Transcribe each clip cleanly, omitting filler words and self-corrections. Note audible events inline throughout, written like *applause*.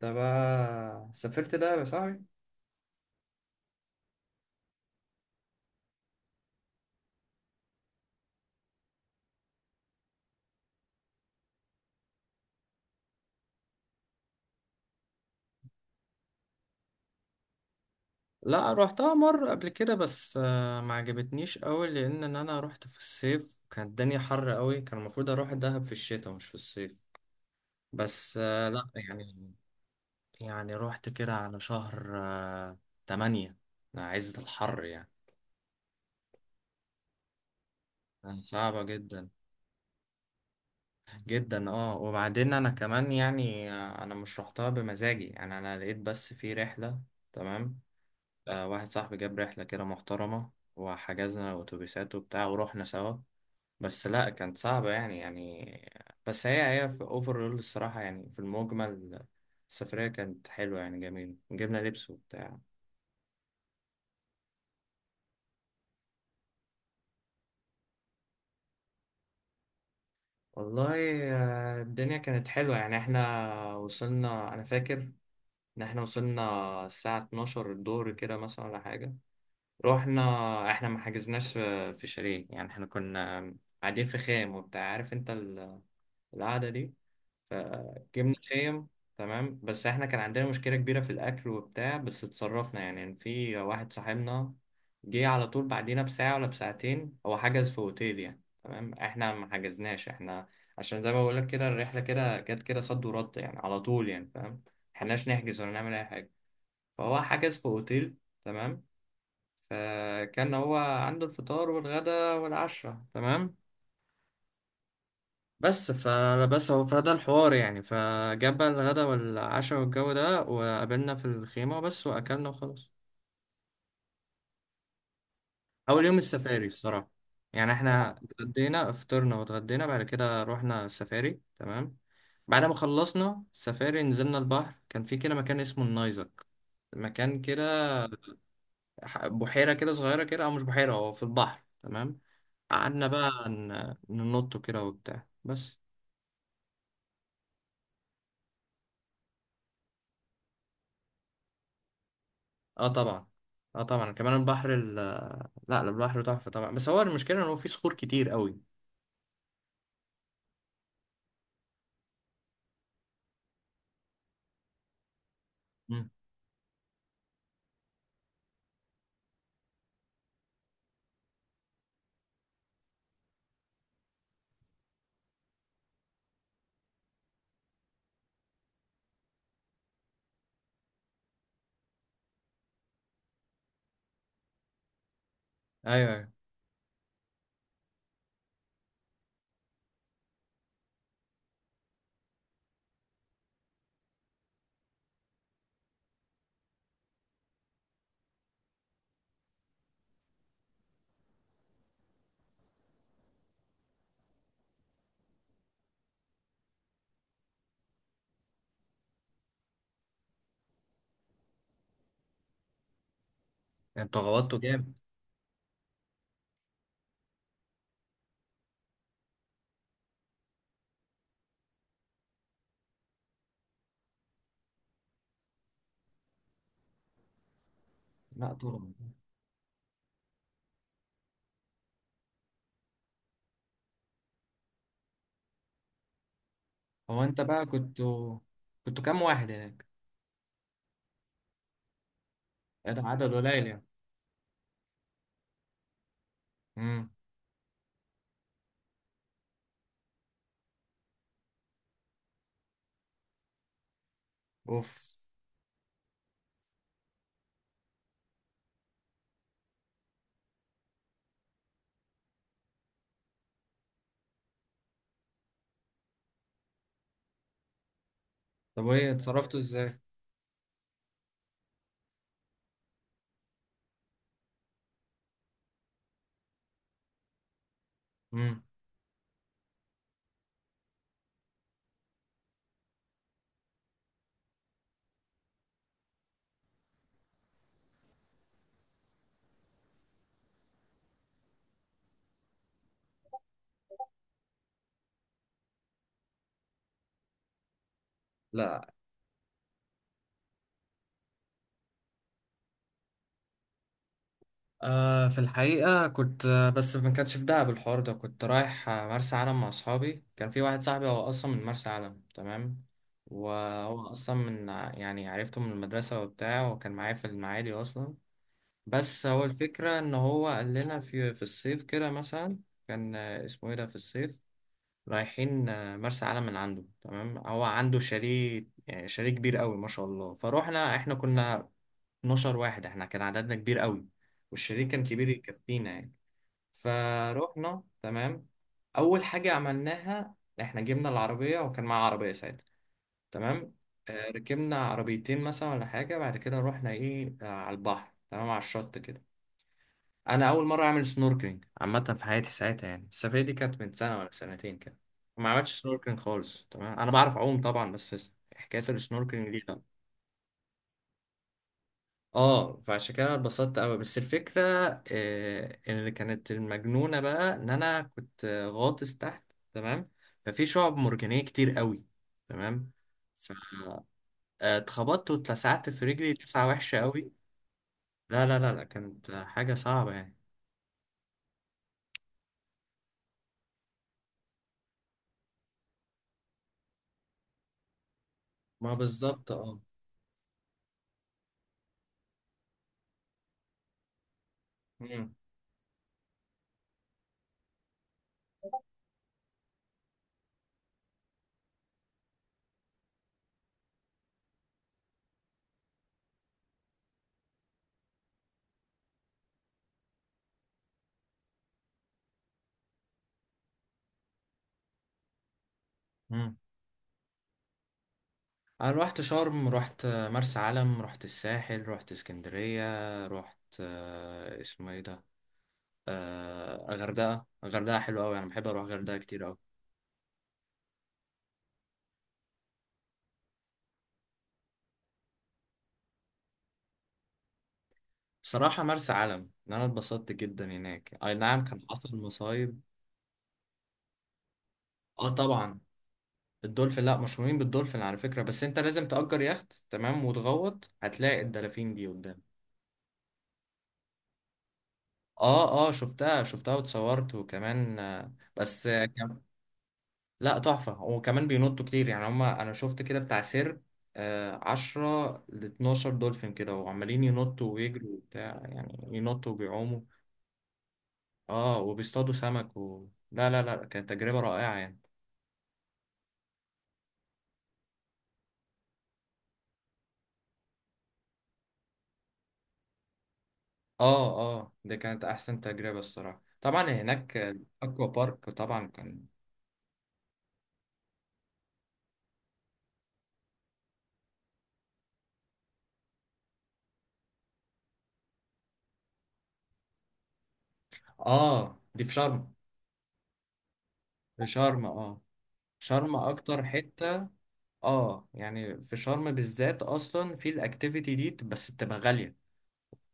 ده بقى سافرت ده يا صاحبي. لا روحتها مرة قبل كده، بس ما عجبتنيش قوي لان انا روحت في الصيف، كانت الدنيا حر قوي. كان المفروض اروح دهب في الشتاء مش في الصيف. بس آه، لا يعني. يعني روحت كده على شهر تمانية، عز الحر يعني. كانت صعبة جدا جدا. اه وبعدين انا كمان يعني، انا مش روحتها بمزاجي، يعني انا لقيت بس في رحلة. تمام. واحد صاحبي جاب رحلة كده محترمة، وحجزنا أتوبيسات وبتاع ورحنا سوا. بس لا كانت صعبة يعني. بس هي في أوفرول الصراحة، يعني في المجمل السفرية كانت حلوة يعني، جميل، جبنا لبس وبتاع. والله، الدنيا كانت حلوة يعني. احنا وصلنا، أنا فاكر إن احنا وصلنا الساعة 12 الظهر كده مثلا ولا حاجة. رحنا، احنا ما حجزناش في شاليه يعني. احنا كنا قاعدين في خيم وبتاع، عارف انت القعدة دي. فجبنا خيم. تمام. بس احنا كان عندنا مشكلة كبيرة في الأكل وبتاع، بس اتصرفنا يعني. في واحد صاحبنا جه على طول بعدينا بساعة ولا بساعتين، هو حجز في أوتيل يعني. تمام، احنا ما حجزناش احنا، عشان زي ما بقولك كده الرحلة كده جت كده صد ورد يعني على طول، يعني فاهم، ملحقناش نحجز ولا نعمل أي حاجة. فهو حجز في أوتيل. تمام. فكان هو عنده الفطار والغدا والعشاء. تمام. بس فبس هو فده الحوار يعني، فجاب بقى الغدا والعشاء والجو ده، وقابلنا في الخيمة وبس، وأكلنا وخلاص. أول يوم السفاري الصراحة، يعني احنا اتغدينا، افطرنا واتغدينا، بعد كده رحنا السفاري. تمام. بعد ما خلصنا السفاري نزلنا البحر، كان في كده مكان اسمه النايزك، مكان كده. بحيرة كده صغيرة كده، أو مش بحيرة، هو في البحر. تمام. قعدنا بقى ننط كده وبتاع بس. اه طبعا. اه طبعا كمان البحر، لا لا، البحر تحفة طبعا، بس هو المشكلة ان هو فيه صخور كتير قوي. مم. ايوه ايوه. انت غلطته جامد. لا طبعا. هو انت بقى كنت، كنت كام واحد هناك؟ ده عدد قليل يعني. امم. اوف. طب وايه اتصرفتوا ازاي؟ امم. لا، في الحقيقة كنت، بس ما كانش في دهب الحوار ده، كنت رايح مرسى علم مع أصحابي. كان في واحد صاحبي هو أصلا من مرسى علم. تمام. وهو أصلا من يعني عرفته من المدرسة وبتاع، وكان معايا في المعادي أصلا. بس هو الفكرة إن هو قال لنا في الصيف كده مثلا، كان اسمه إيه ده، في الصيف رايحين مرسى علم من عنده. تمام. هو عنده شاليه، يعني شاليه كبير قوي ما شاء الله. فروحنا، إحنا كنا 12 واحد، إحنا كان عددنا كبير قوي، والشاليه كان كبير يكفينا يعني. فروحنا. تمام. أول حاجة عملناها، إحنا جبنا العربية، وكان معاه عربية ساعتها. تمام. ركبنا عربيتين مثلا ولا حاجة، بعد كده رحنا إيه، على البحر. تمام، على الشط كده. انا اول مره اعمل سنوركلينج عامه في حياتي ساعتها، يعني السفريه دي كانت من سنه ولا سنتين كده. ما عملتش سنوركلينج خالص. تمام، انا بعرف اعوم طبعا، بس حكايه السنوركلينج دي لا. اه فعشان كده انا اتبسطت قوي، بس الفكره اللي كانت المجنونه بقى، ان انا كنت غاطس تحت. تمام. ففي شعب مرجانيه كتير قوي. تمام. فاتخبطت واتلسعت في رجلي لسعه وحشه قوي. لا لا لا لا، كانت حاجه صعبه يعني. ما بالظبط اه. مم. مم. انا روحت شرم، روحت مرسى علم، روحت الساحل، روحت اسكندرية، روحت اسمه ايه ده، غردقة. غردقة حلوة قوي، انا بحب اروح غردقة كتير قوي. بصراحة مرسى علم، ان انا اتبسطت جدا هناك، اي نعم كان حصل مصايب. اه طبعا. الدولفين، لا مشهورين بالدولفين على فكرة، بس انت لازم تأجر يخت تمام، وتغوط هتلاقي الدلافين دي قدام. اه اه شفتها، شفتها واتصورت وكمان، بس. لا تحفة، وكمان بينطوا كتير يعني هما. أنا شفت كده بتاع سير عشرة لاتناشر دولفين كده، وعمالين ينطوا ويجروا وبتاع، يعني ينطوا وبيعوموا. اه وبيصطادوا سمك و... لا لا لا، كانت تجربة رائعة يعني. اه اه، دي كانت أحسن تجربة الصراحة. طبعا هناك الأكوا بارك طبعا كان. اه دي في شرم. في شرم اه. شرم أكتر حتة، اه يعني في شرم بالذات أصلا في الأكتيفيتي دي، بس بتبقى غالية،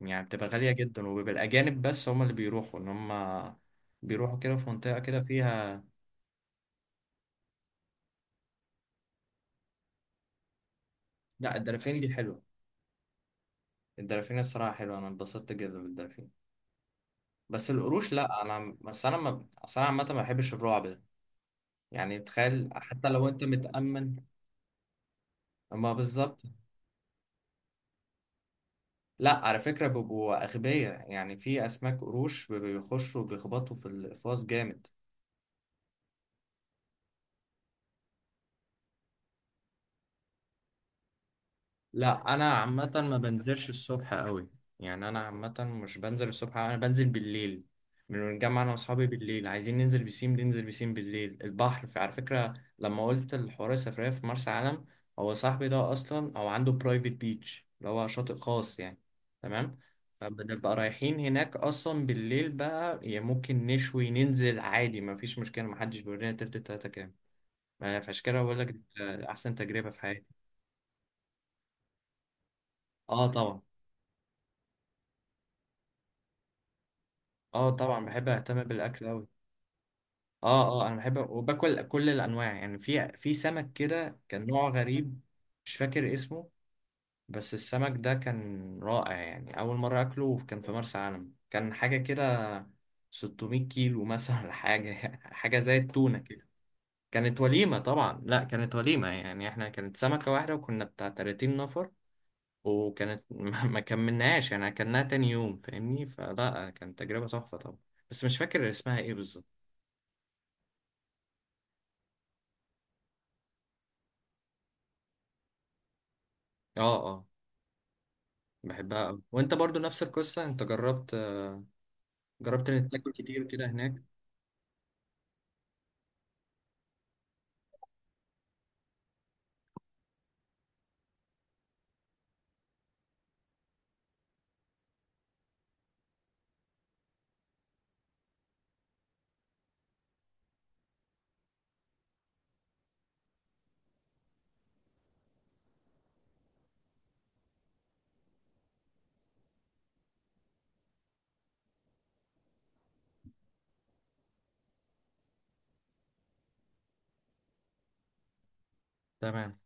يعني بتبقى غالية جدا، وبيبقى الأجانب بس هم اللي بيروحوا، إن هم بيروحوا كده في منطقة كده فيها. لا الدلافين دي حلوة، الدلافين الصراحة حلوة، أنا اتبسطت جدا بالدلافين. بس القروش لا، أنا بس أنا ما أصل أنا عامة ما بحبش الرعب ده، يعني تخيل حتى لو أنت متأمن. ما بالظبط. لا على فكرة بيبقوا أغبياء، يعني في أسماك قروش بيبقوا بيخشوا وبيخبطوا في الأقفاص جامد. لا انا عامه ما بنزلش الصبح قوي، يعني انا عامه مش بنزل الصبح أوي، انا بنزل بالليل. بنتجمع انا واصحابي بالليل، عايزين ننزل بسيم، ننزل بسيم بالليل البحر. في على فكره، لما قلت الحوار السفريه في مرسى علم، هو صاحبي ده اصلا او عنده برايفت بيتش، اللي هو شاطئ خاص يعني. تمام. فبنبقى رايحين هناك اصلا بالليل بقى، يعني ممكن نشوي ننزل عادي، ما فيش مشكله، ما حدش بيورينا تلت التلاته كام. فعشان كده بقول لك احسن تجربه في حياتي. اه طبعا. اه طبعا بحب اهتم بالاكل اوي. اه اه انا بحب وباكل كل الانواع يعني. في سمك كده كان نوع غريب، مش فاكر اسمه، بس السمك ده كان رائع يعني. اول مره اكله كان في مرسى علم، كان حاجه كده 600 كيلو مثلا ولا حاجه، *laughs* حاجه زي التونه كده. كانت وليمه طبعا، لا كانت وليمه يعني. احنا كانت سمكه واحده وكنا بتاع 30 نفر، وكانت *laughs* ما كملناهاش يعني، اكلناها تاني يوم فاهمني. فلا كانت تجربه تحفه طبعا، بس مش فاكر اسمها ايه بالظبط. اه اه بحبها قوي، وانت برضو نفس القصة انت جربت، جربت انك تاكل كتير كده هناك. تمام.